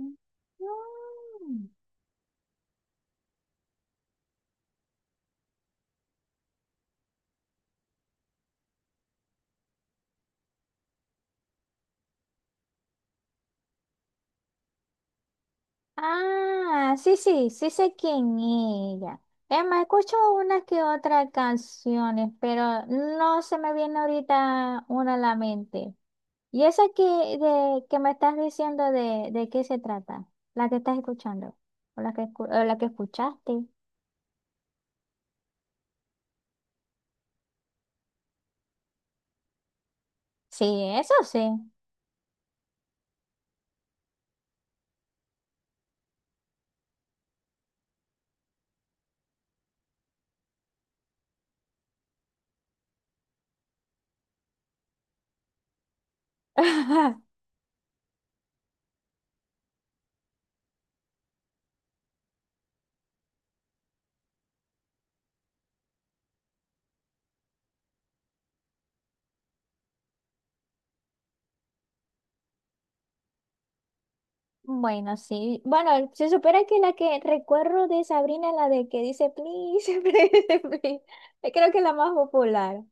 Mm. Ah, sí, sí, sí sé quién es ella. Emma, escucho una que otra canciones, pero no se me viene ahorita una a la mente. ¿Y esa que me estás diciendo de qué se trata? ¿La que estás escuchando? ¿O la que escuchaste? Sí, eso sí. Bueno, sí. Bueno, se supera que la que recuerdo de Sabrina es la de que dice please, please, please. Creo que es la más popular.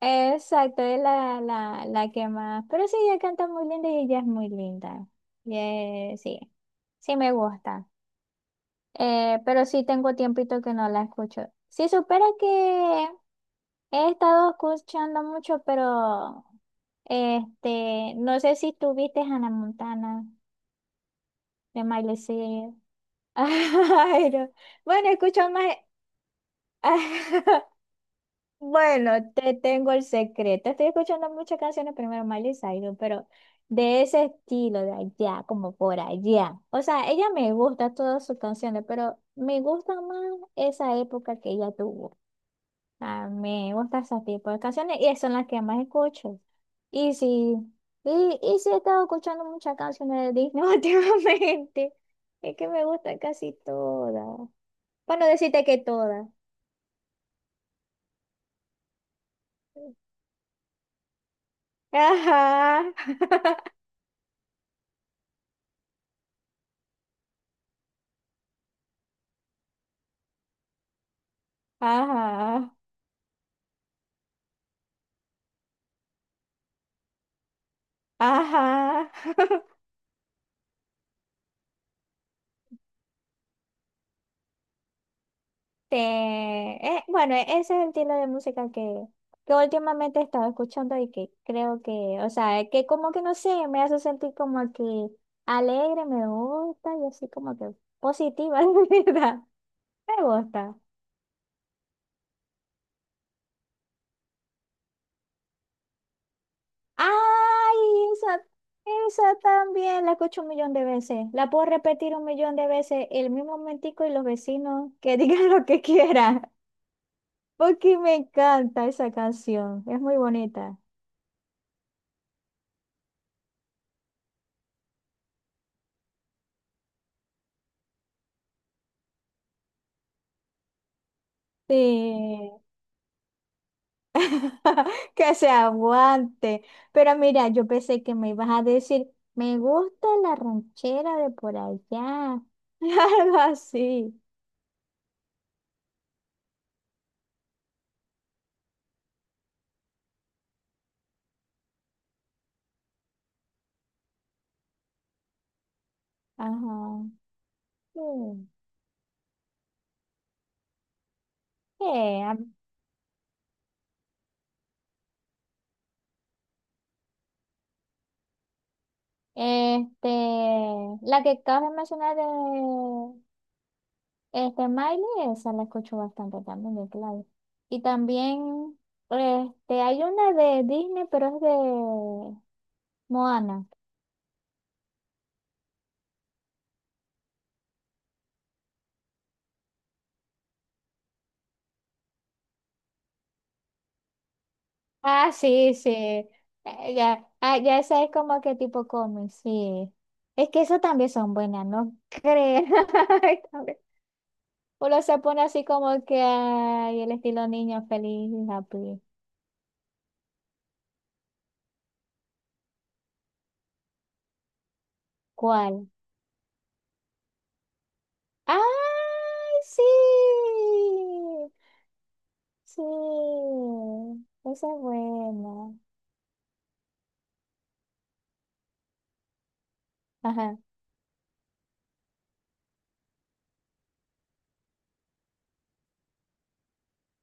Exacto, es la que más. Pero sí, ella canta muy linda y ella es muy linda. Y, sí, sí me gusta. Pero sí tengo tiempito que no la escucho. Sí, supera que he estado escuchando mucho, pero no sé si tuviste Hannah Montana de Miley Cyrus. Ay, no. Bueno, escucho más. Bueno, te tengo el secreto. Estoy escuchando muchas canciones, primero Miley Cyrus, pero de ese estilo, de allá, como por allá. O sea, ella me gusta todas sus canciones, pero me gusta más esa época que ella tuvo. Ah, me gusta ese tipo de canciones y son las que más escucho. Y sí, y sí he estado escuchando muchas canciones de Disney últimamente. Es que me gusta casi todas. Bueno, decirte que todas. Ajá, ajá, ajá. Ese es el estilo de música que últimamente he estado escuchando y que creo que, o sea, que como que no sé, me hace sentir como que alegre, me gusta y así como que positiva, de verdad. Me gusta. Ay, esa, esa también la escucho un millón de veces. La puedo repetir un millón de veces el mismo momentico y los vecinos que digan lo que quieran. Porque me encanta esa canción. Es muy bonita. Sí. Que se aguante. Pero mira, yo pensé que me ibas a decir, me gusta la ranchera de por allá. Algo así. Ajá. Sí. Sí, a Este, la que acabas de mencionar de Miley, esa la escucho bastante también de Claudio. Y también, hay una de Disney, pero es de Moana. Ah, sí, sí. Ya, ya esa es como que tipo cómic, sí. Es que eso también son buenas, ¿no crees? Ay, también. Uno se pone así como que ay, el estilo niño feliz, happy. ¿Cuál? ¡Ay, sí! Sí, esa es buena. Ajá.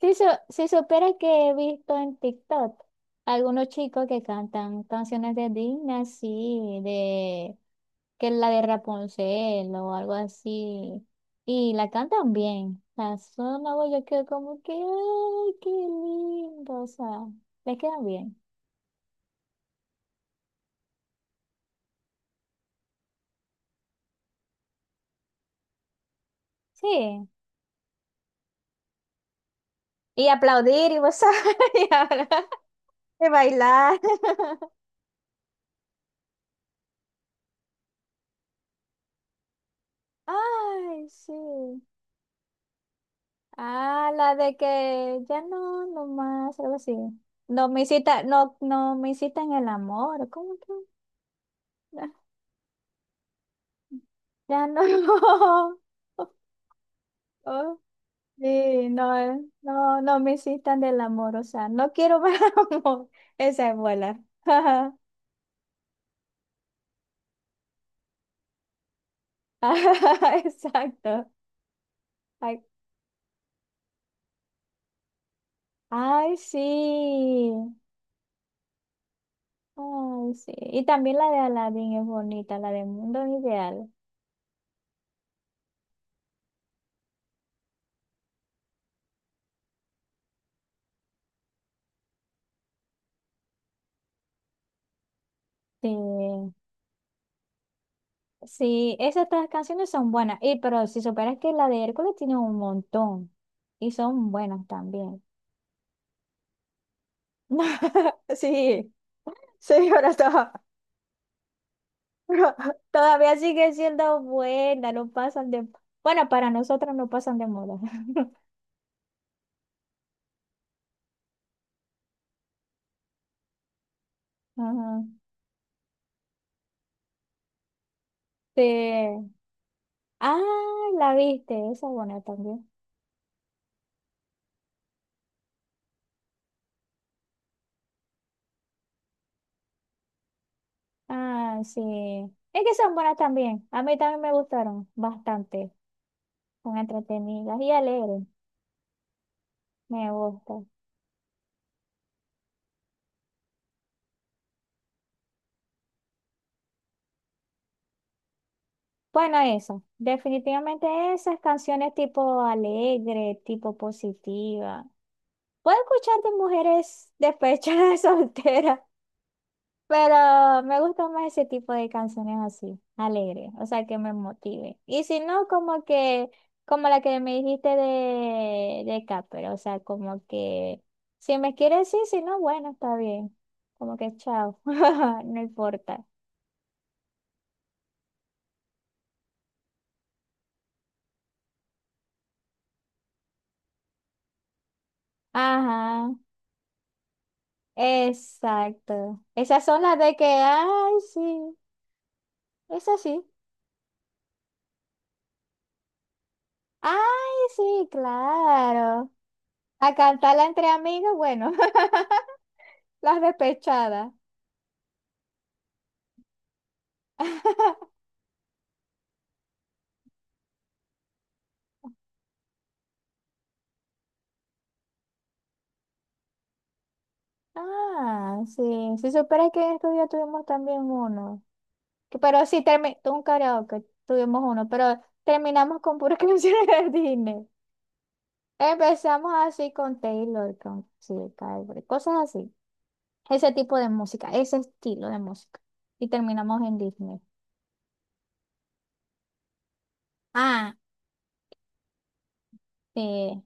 Si supieras que he visto en TikTok algunos chicos que cantan canciones de Disney, así, de que es la de Rapunzel o algo así, y la cantan bien. La zona, yo quedo como que, ¡ay, qué lindo! O sea, les quedan bien. Sí. Y aplaudir y, vos sabés, y bailar. Ay, sí. Ah, la de que ya no, no más, algo así. No me incita, no me incita el amor. ¿Cómo que? Ya, ya no. Oh, sí, no, no, no me incitan del amor, o sea, no quiero ver amor. Esa es buena. Exacto. Ay, ay, sí. Ay, sí. Y también la de Aladdin es bonita, la de Mundo Ideal. Sí. Sí, esas tres canciones son buenas. Y pero si superas que la de Hércules tiene un montón. Y son buenas también. Sí, señora, todavía sigue siendo buena, no pasan de... Bueno, para nosotros no pasan de moda. Ajá. Sí. Ah, la viste, esa es buena también. Ah, sí. Es que son buenas también. A mí también me gustaron bastante. Son entretenidas y alegres. Me gusta. Bueno, eso, definitivamente esas canciones tipo alegre, tipo positiva. Puedo escuchar de mujeres despechadas solteras, pero me gusta más ese tipo de canciones así, alegres, o sea, que me motive. Y si no, como que, como la que me dijiste de Capper, o sea, como que, si me quieres sí, si no, bueno, está bien. Como que chao, no importa. Ajá. Exacto. Esas son las de que, ay, sí, es así. Ay, sí, claro. A cantarla entre amigos, bueno, las despechadas. Ah, sí. Si supieras que en estos días tuvimos también uno. Pero sí, un karaoke, tuvimos uno, pero terminamos con puras canciones de Disney. Empezamos así con Taylor, con sí, Calvary, cosas así. Ese tipo de música, ese estilo de música. Y terminamos en Disney. Ah, eh,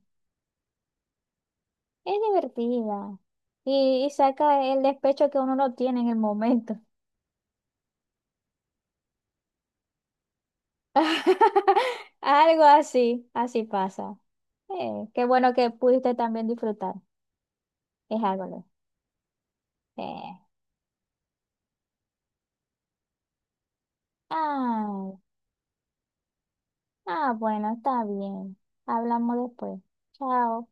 es divertida. Y saca el despecho que uno no tiene en el momento. Algo así, así pasa. Qué bueno que pudiste también disfrutar. Es algo. de- Eh. Ah, bueno, está bien. Hablamos después. Chao.